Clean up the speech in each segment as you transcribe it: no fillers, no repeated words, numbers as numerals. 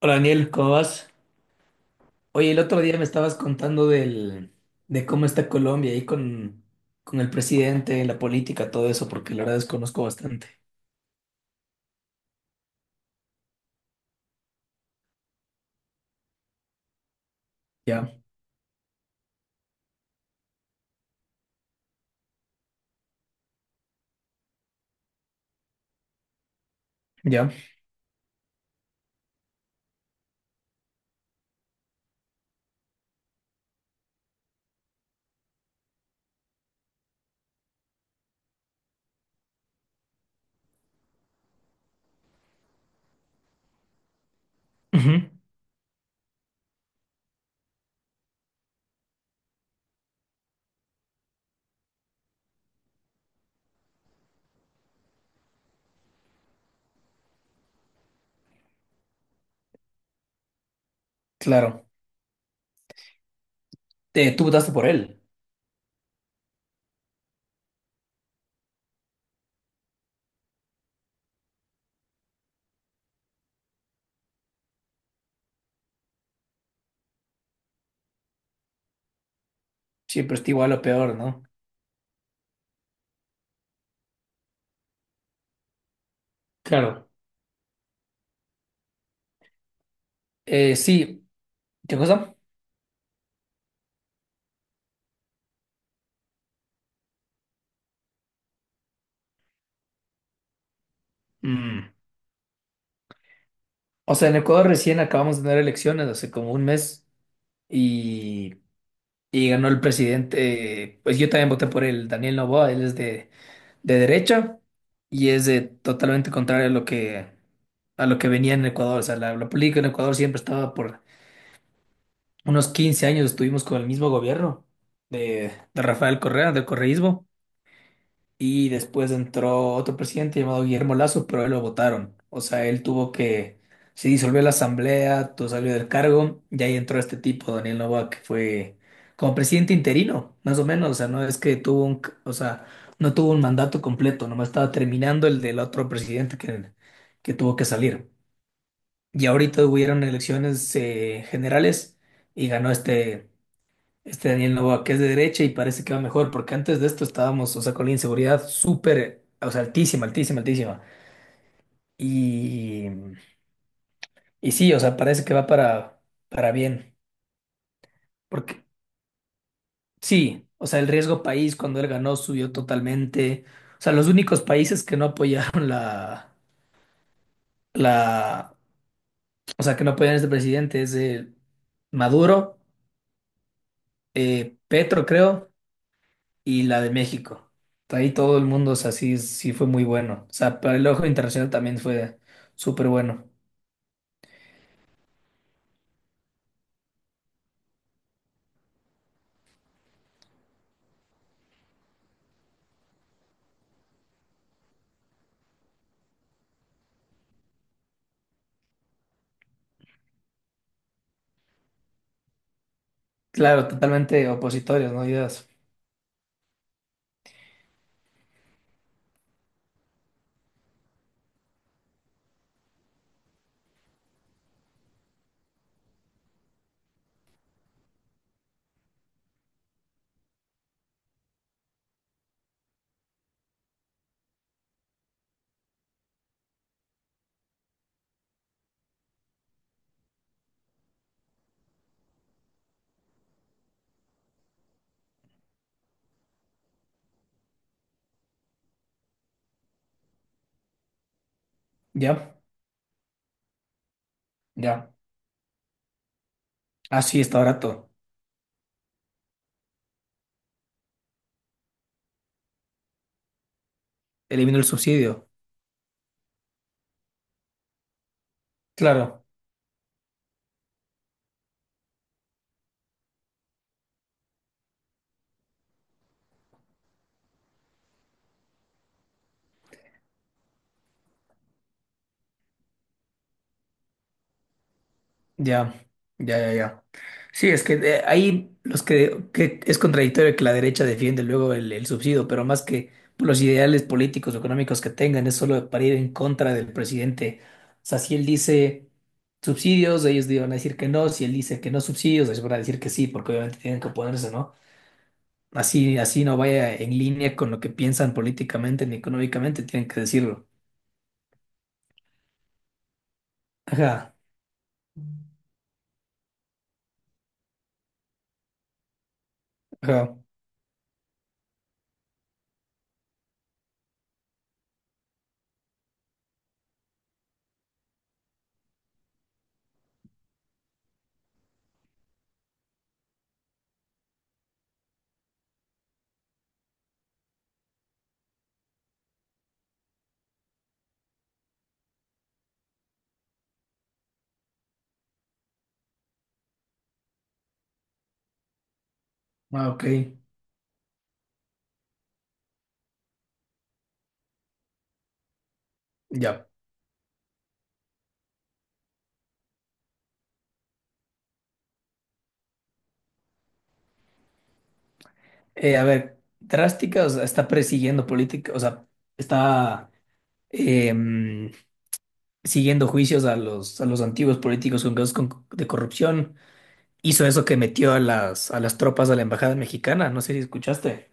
Hola Daniel, ¿cómo vas? Oye, el otro día me estabas contando de cómo está Colombia ahí con el presidente, la política, todo eso, porque la verdad desconozco bastante. Ya, ya. Ujú. Claro. Tú votaste por él. Siempre está igual o peor, ¿no? Claro. Sí, ¿qué cosa? Mm. O sea, en Ecuador recién acabamos de tener elecciones hace como un mes y, y ganó el presidente. Pues yo también voté por él, Daniel Noboa, él es de derecha y es de totalmente contrario a a lo que venía en Ecuador. O sea, la política en Ecuador siempre estaba por unos 15 años, estuvimos con el mismo gobierno de Rafael Correa, del correísmo. Y después entró otro presidente llamado Guillermo Lazo, pero él lo votaron. O sea, se disolvió la asamblea, todo salió del cargo, y ahí entró este tipo, Daniel Noboa, que fue como presidente interino, más o menos. O sea, no es que tuvo un, c- o sea, no tuvo un mandato completo, nomás estaba terminando el del otro presidente que tuvo que salir. Y ahorita hubieron elecciones generales y ganó este. Este Daniel Noboa, que es de derecha y parece que va mejor, porque antes de esto estábamos, o sea, con la inseguridad súper, o sea, altísima, altísima, altísima. Y, y sí, o sea, parece que va para bien. Porque sí, o sea, el riesgo país cuando él ganó subió totalmente. O sea, los únicos países que no apoyaron la, o sea, que no apoyaron a este presidente es Maduro, Petro, creo. Y la de México. Ahí todo el mundo, o sea, sí, sí fue muy bueno. O sea, para el ojo internacional también fue súper bueno. Claro, totalmente opositorios, ¿no? Ideas. Ya, ya. Ah, sí, está barato. Eliminó el subsidio. Claro, ya, ya, ya, ya. Sí, es que ahí los que es contradictorio que la derecha defiende luego el subsidio, pero más que por los ideales políticos o económicos que tengan, es solo para ir en contra del presidente. O sea, si él dice subsidios, ellos van a decir que no, si él dice que no subsidios, ellos van a decir que sí, porque obviamente tienen que oponerse, ¿no? Así, así no vaya en línea con lo que piensan políticamente ni económicamente, tienen que decirlo. Ajá, ajá, ah, ok, ya. A ver, drástica, o sea, está persiguiendo política, o sea, está em, siguiendo juicios a a los antiguos políticos con de corrupción. Hizo eso que metió a a las tropas a la embajada mexicana, no sé si escuchaste.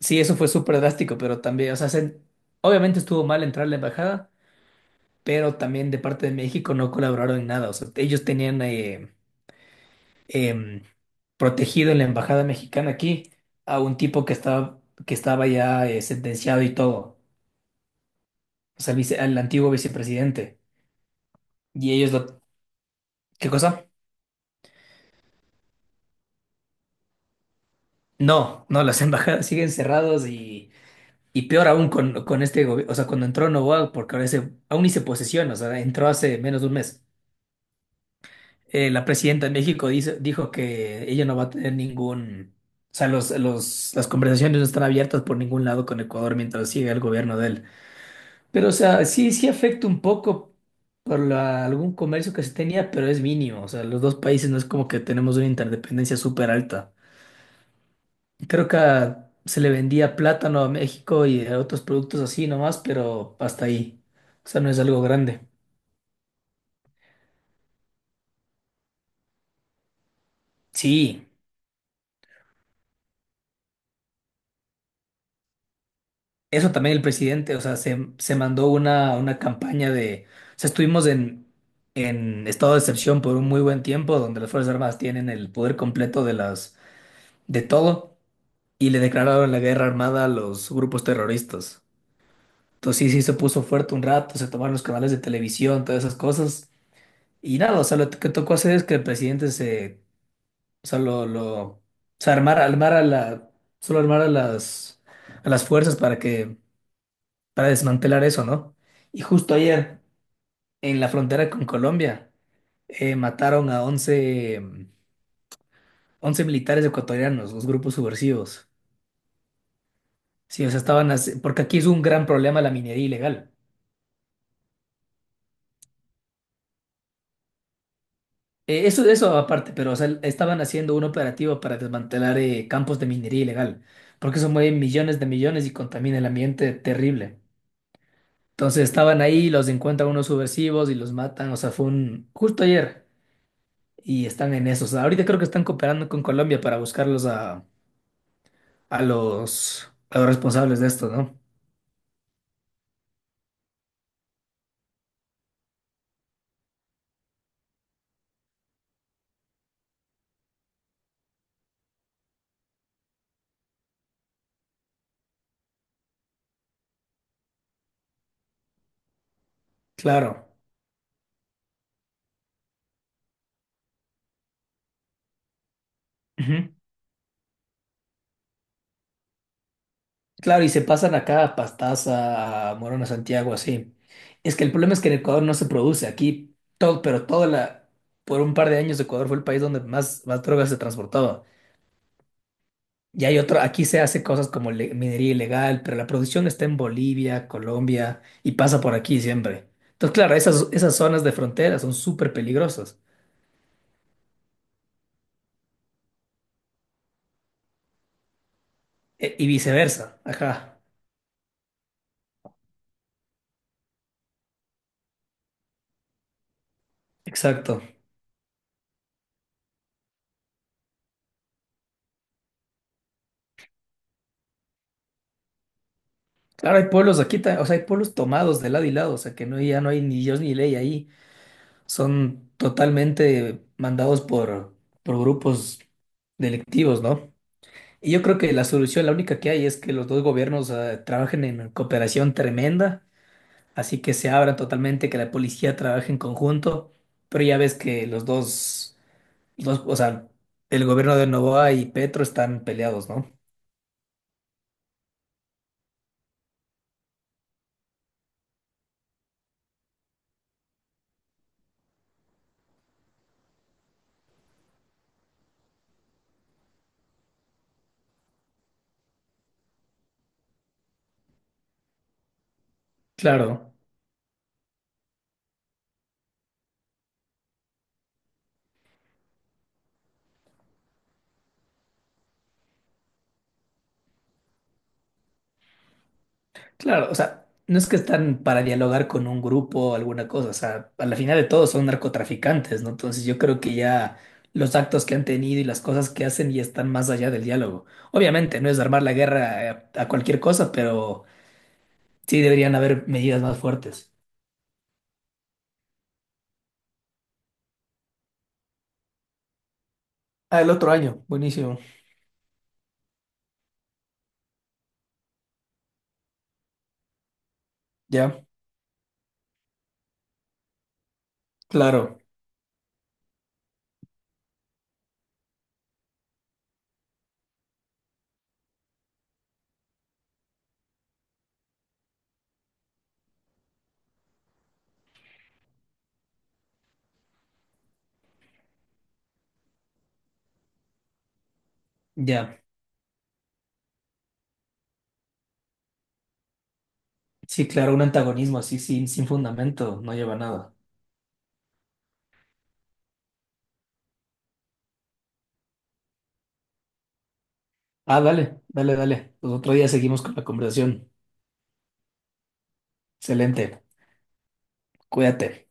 Sí, eso fue súper drástico, pero también, o sea, se... obviamente estuvo mal entrar a la embajada, pero también de parte de México no colaboraron en nada, o sea, ellos tenían, em, protegido en la embajada mexicana aquí a un tipo que estaba ya sentenciado y todo, o sea, al antiguo vicepresidente. Y ellos lo... ¿Qué cosa? No, no, las embajadas siguen cerradas y peor aún con este gobierno, o sea, cuando entró Noboa, porque ahora ese, aún ni se posesiona, o sea, entró hace menos de un mes. La presidenta de México dice, dijo que ella no va a tener ningún... O sea, las conversaciones no están abiertas por ningún lado con Ecuador mientras siga el gobierno de él. Pero, o sea, sí, sí afecta un poco algún comercio que se tenía, pero es mínimo. O sea, los dos países no es como que tenemos una interdependencia súper alta. Creo que se le vendía plátano a México y a otros productos así nomás, pero hasta ahí. O sea, no es algo grande. Sí, eso también el presidente, o sea, se mandó una campaña de... O sea, estuvimos en estado de excepción por un muy buen tiempo, donde las Fuerzas Armadas tienen el poder completo de de todo. Y le declararon la guerra armada a los grupos terroristas. Entonces sí, sí se puso fuerte un rato, se tomaron los canales de televisión, todas esas cosas. Y nada, o sea, lo que tocó hacer es que el presidente o sea, o sea, armar a solo armar a a las fuerzas para para desmantelar eso, ¿no? Y justo ayer, en la frontera con Colombia, mataron a 11 militares ecuatorianos, los grupos subversivos. Sí, o sea, porque aquí es un gran problema la minería ilegal. Eso aparte, pero o sea, estaban haciendo un operativo para desmantelar campos de minería ilegal, porque eso mueve millones de millones y contamina el ambiente terrible. Entonces estaban ahí, los encuentran unos subversivos y los matan, o sea, fue un... justo ayer y están en eso. O sea, ahorita creo que están cooperando con Colombia para buscarlos a a los responsables de esto, ¿no? Claro. Ujú. Claro, y se pasan acá a Pastaza, a Morona Santiago, así. Es que el problema es que en Ecuador no se produce. Aquí todo, pero toda por un par de años Ecuador fue el país donde más, más drogas se transportaba. Y hay otro, aquí se hace cosas como minería ilegal, pero la producción está en Bolivia, Colombia y pasa por aquí siempre. Entonces, claro, esas zonas de frontera son súper peligrosas. E- y viceversa. Ajá, exacto. Claro, hay pueblos aquí, o sea, hay pueblos tomados de lado y lado, o sea, que no, ya no hay ni Dios ni ley ahí. Son totalmente mandados por grupos delictivos, ¿no? Y yo creo que la solución, la única que hay, es que los dos gobiernos trabajen en cooperación tremenda, así que se abran totalmente, que la policía trabaje en conjunto, pero ya ves que o sea, el gobierno de Novoa y Petro están peleados, ¿no? Claro. Claro, o sea, no es que están para dialogar con un grupo o alguna cosa, o sea, a la final de todo son narcotraficantes, ¿no? Entonces yo creo que ya los actos que han tenido y las cosas que hacen ya están más allá del diálogo. Obviamente no es armar la guerra a cualquier cosa, pero sí deberían haber medidas más fuertes. Ah, el otro año, buenísimo. Ya, claro, ya. Sí, claro, un antagonismo así sin fundamento no lleva a nada. Ah, dale, dale, dale. Pues otro día seguimos con la conversación. Excelente, cuídate.